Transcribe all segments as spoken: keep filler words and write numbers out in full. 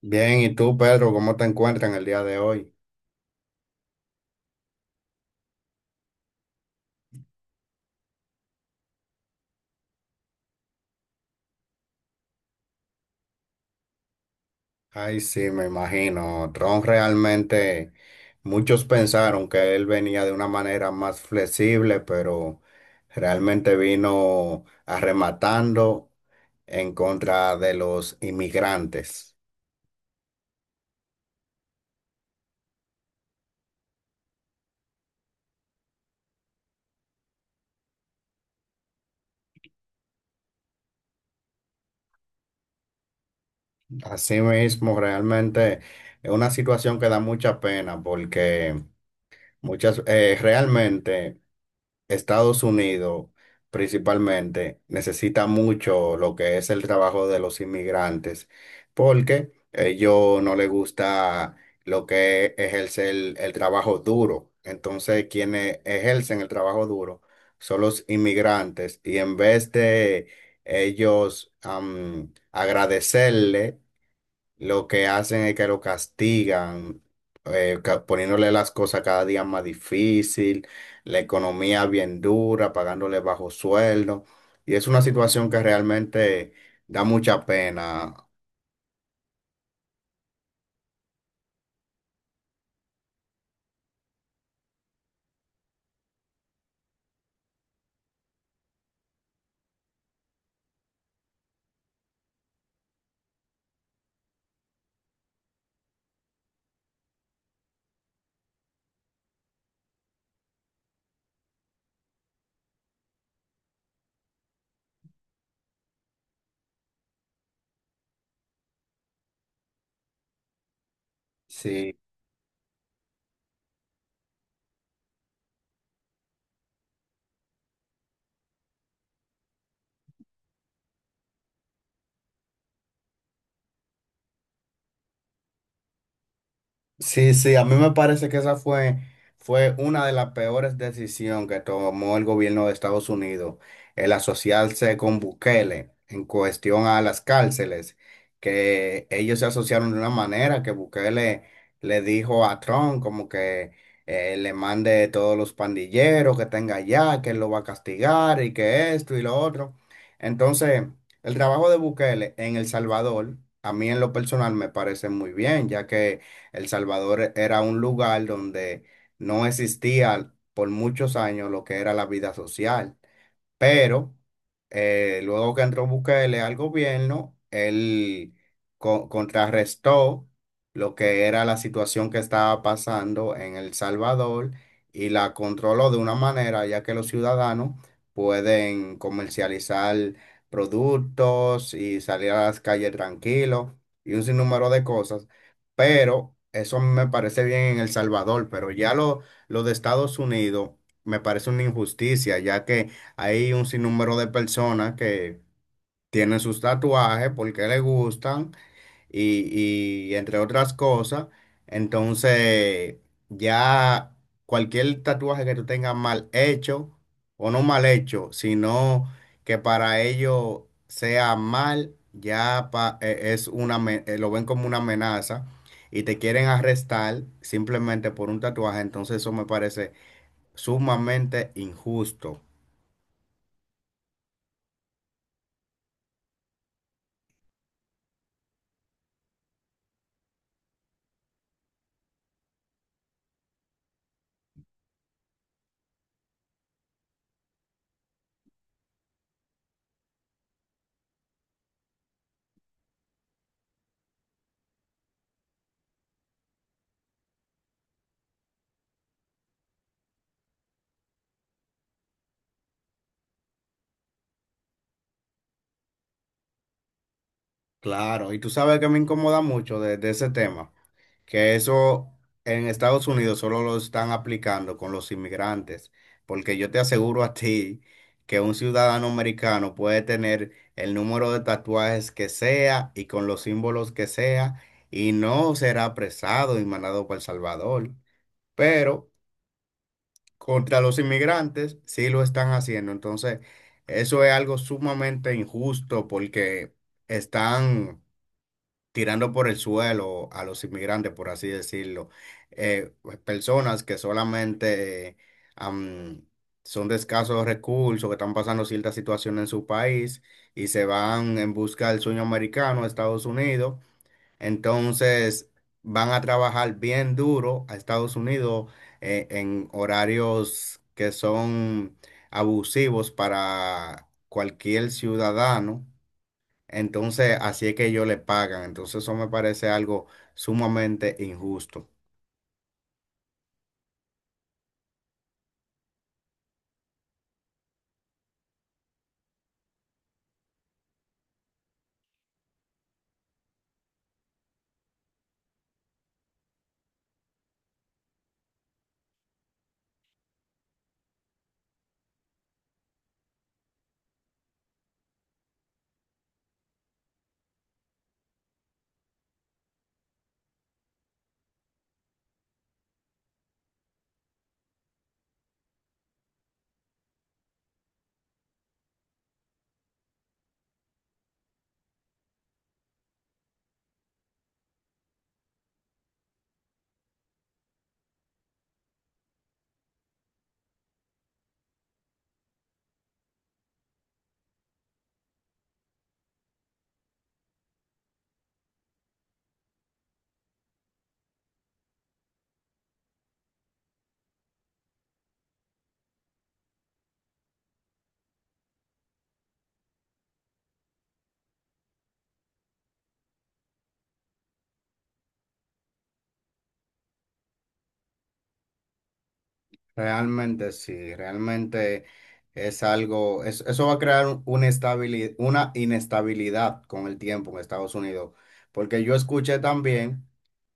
Bien, ¿y tú, Pedro, cómo te encuentras en el día de hoy? Ay, sí, me imagino. Trump realmente, muchos pensaron que él venía de una manera más flexible, pero realmente vino arrematando en contra de los inmigrantes. Así mismo realmente es una situación que da mucha pena porque muchas, eh, realmente. Estados Unidos principalmente necesita mucho lo que es el trabajo de los inmigrantes, porque ellos no les gusta lo que ejerce el, el trabajo duro. Entonces, quienes ejercen el trabajo duro son los inmigrantes y en vez de ellos am, agradecerle lo que hacen es que lo castigan, eh, ca- poniéndole las cosas cada día más difícil, la economía bien dura, pagándole bajo sueldo. Y es una situación que realmente da mucha pena. Sí. Sí, sí, a mí me parece que esa fue, fue una de las peores decisiones que tomó el gobierno de Estados Unidos, el asociarse con Bukele en cuestión a las cárceles, que ellos se asociaron de una manera que Bukele le dijo a Trump como que eh, le mande todos los pandilleros que tenga allá, que él lo va a castigar y que esto y lo otro. Entonces, el trabajo de Bukele en El Salvador, a mí en lo personal me parece muy bien, ya que el Salvador era un lugar donde no existía por muchos años lo que era la vida social. Pero eh, luego que entró Bukele al gobierno, él co- contrarrestó lo que era la situación que estaba pasando en El Salvador y la controló de una manera ya que los ciudadanos pueden comercializar productos y salir a las calles tranquilos y un sinnúmero de cosas. Pero eso me parece bien en El Salvador, pero ya lo, lo de Estados Unidos me parece una injusticia, ya que hay un sinnúmero de personas que tienen sus tatuajes porque les gustan y, y entre otras cosas. Entonces, ya cualquier tatuaje que tú tengas mal hecho o no mal hecho, sino que para ellos sea mal, ya pa- e- es una, ame- eh, lo ven como una amenaza y te quieren arrestar simplemente por un tatuaje. Entonces, eso me parece sumamente injusto. Claro, y tú sabes que me incomoda mucho de, de ese tema, que eso en Estados Unidos solo lo están aplicando con los inmigrantes, porque yo te aseguro a ti que un ciudadano americano puede tener el número de tatuajes que sea y con los símbolos que sea y no será apresado y mandado para El Salvador, pero contra los inmigrantes sí lo están haciendo, entonces eso es algo sumamente injusto porque están tirando por el suelo a los inmigrantes, por así decirlo. Eh, pues, personas que solamente eh, am, son de escasos recursos, que están pasando cierta situación en su país y se van en busca del sueño americano a Estados Unidos. Entonces van a trabajar bien duro a Estados Unidos eh, en horarios que son abusivos para cualquier ciudadano. Entonces, así es que ellos le pagan. Entonces, eso me parece algo sumamente injusto. Realmente sí, realmente es algo, es- eso va a crear un- una estabili- una inestabilidad con el tiempo en Estados Unidos. Porque yo escuché también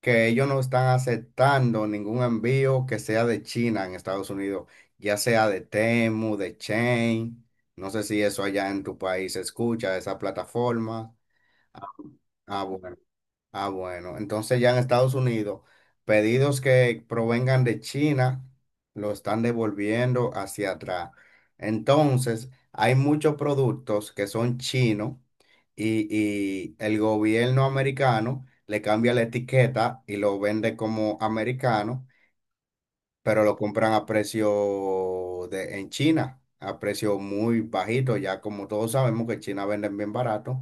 que ellos no están aceptando ningún envío que sea de China en Estados Unidos, ya sea de Temu, de Chain. No sé si eso allá en tu país se escucha, esa plataforma. Ah, ah, bueno. Ah, bueno, entonces ya en Estados Unidos, pedidos que provengan de China lo están devolviendo hacia atrás. Entonces, hay muchos productos que son chinos y, y el gobierno americano le cambia la etiqueta y lo vende como americano pero lo compran a precio de, en China, a precio muy bajito, ya como todos sabemos que en China venden bien barato,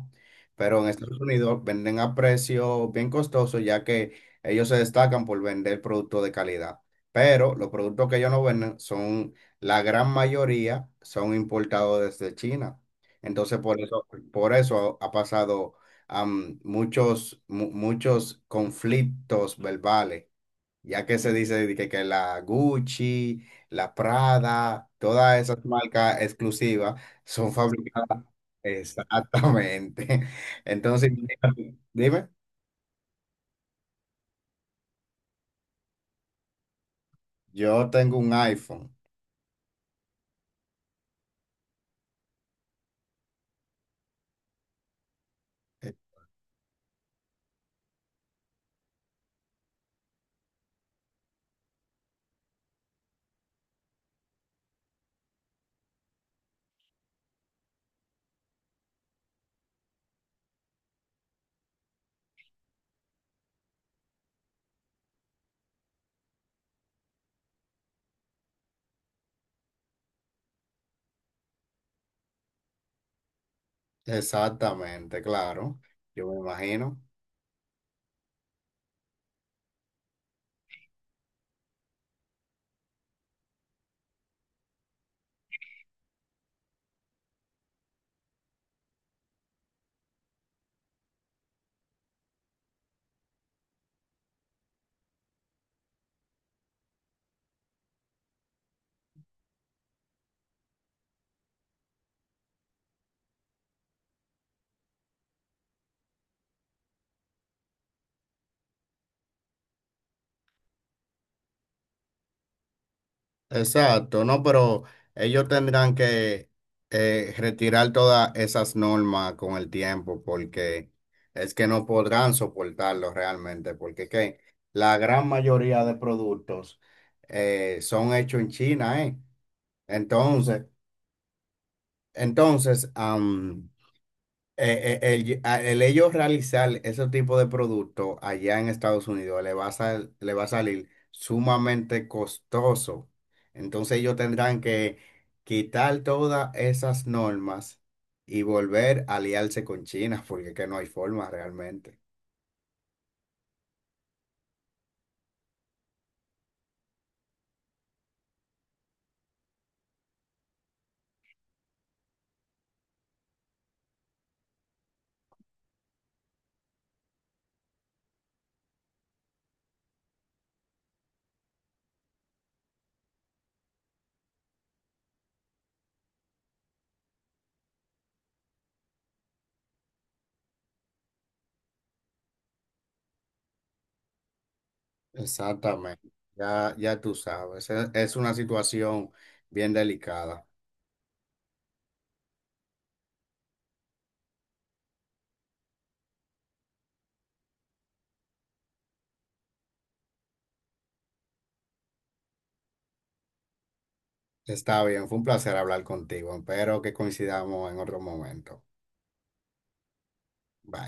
pero en Estados Unidos venden a precio bien costoso, ya que ellos se destacan por vender productos de calidad. Pero los productos que ellos no venden son, la gran mayoría son importados desde China. Entonces, por eso, por eso ha pasado am, muchos, mu- muchos conflictos verbales ya que se dice de que, que la Gucci, la Prada, todas esas marcas exclusivas son fabricadas. Exactamente. Entonces, imagínate, dime, yo tengo un iPhone. E- Exactamente, claro. Yo me imagino. Exacto, no, pero ellos tendrán que eh, retirar todas esas normas con el tiempo porque es que no podrán soportarlo realmente, porque es que la gran mayoría de productos eh, son hechos en China, ¿eh? Entonces, entonces, am, eh, eh, el, a- el ellos realizar ese tipo de producto allá en Estados Unidos le va a sal- le va a salir sumamente costoso. Entonces ellos tendrán que quitar todas esas normas y volver a aliarse con China, porque es que no hay forma realmente. Exactamente. Ya, ya tú sabes. Es, es una situación bien delicada. Está bien, fue un placer hablar contigo. Espero que coincidamos en otro momento. Bye.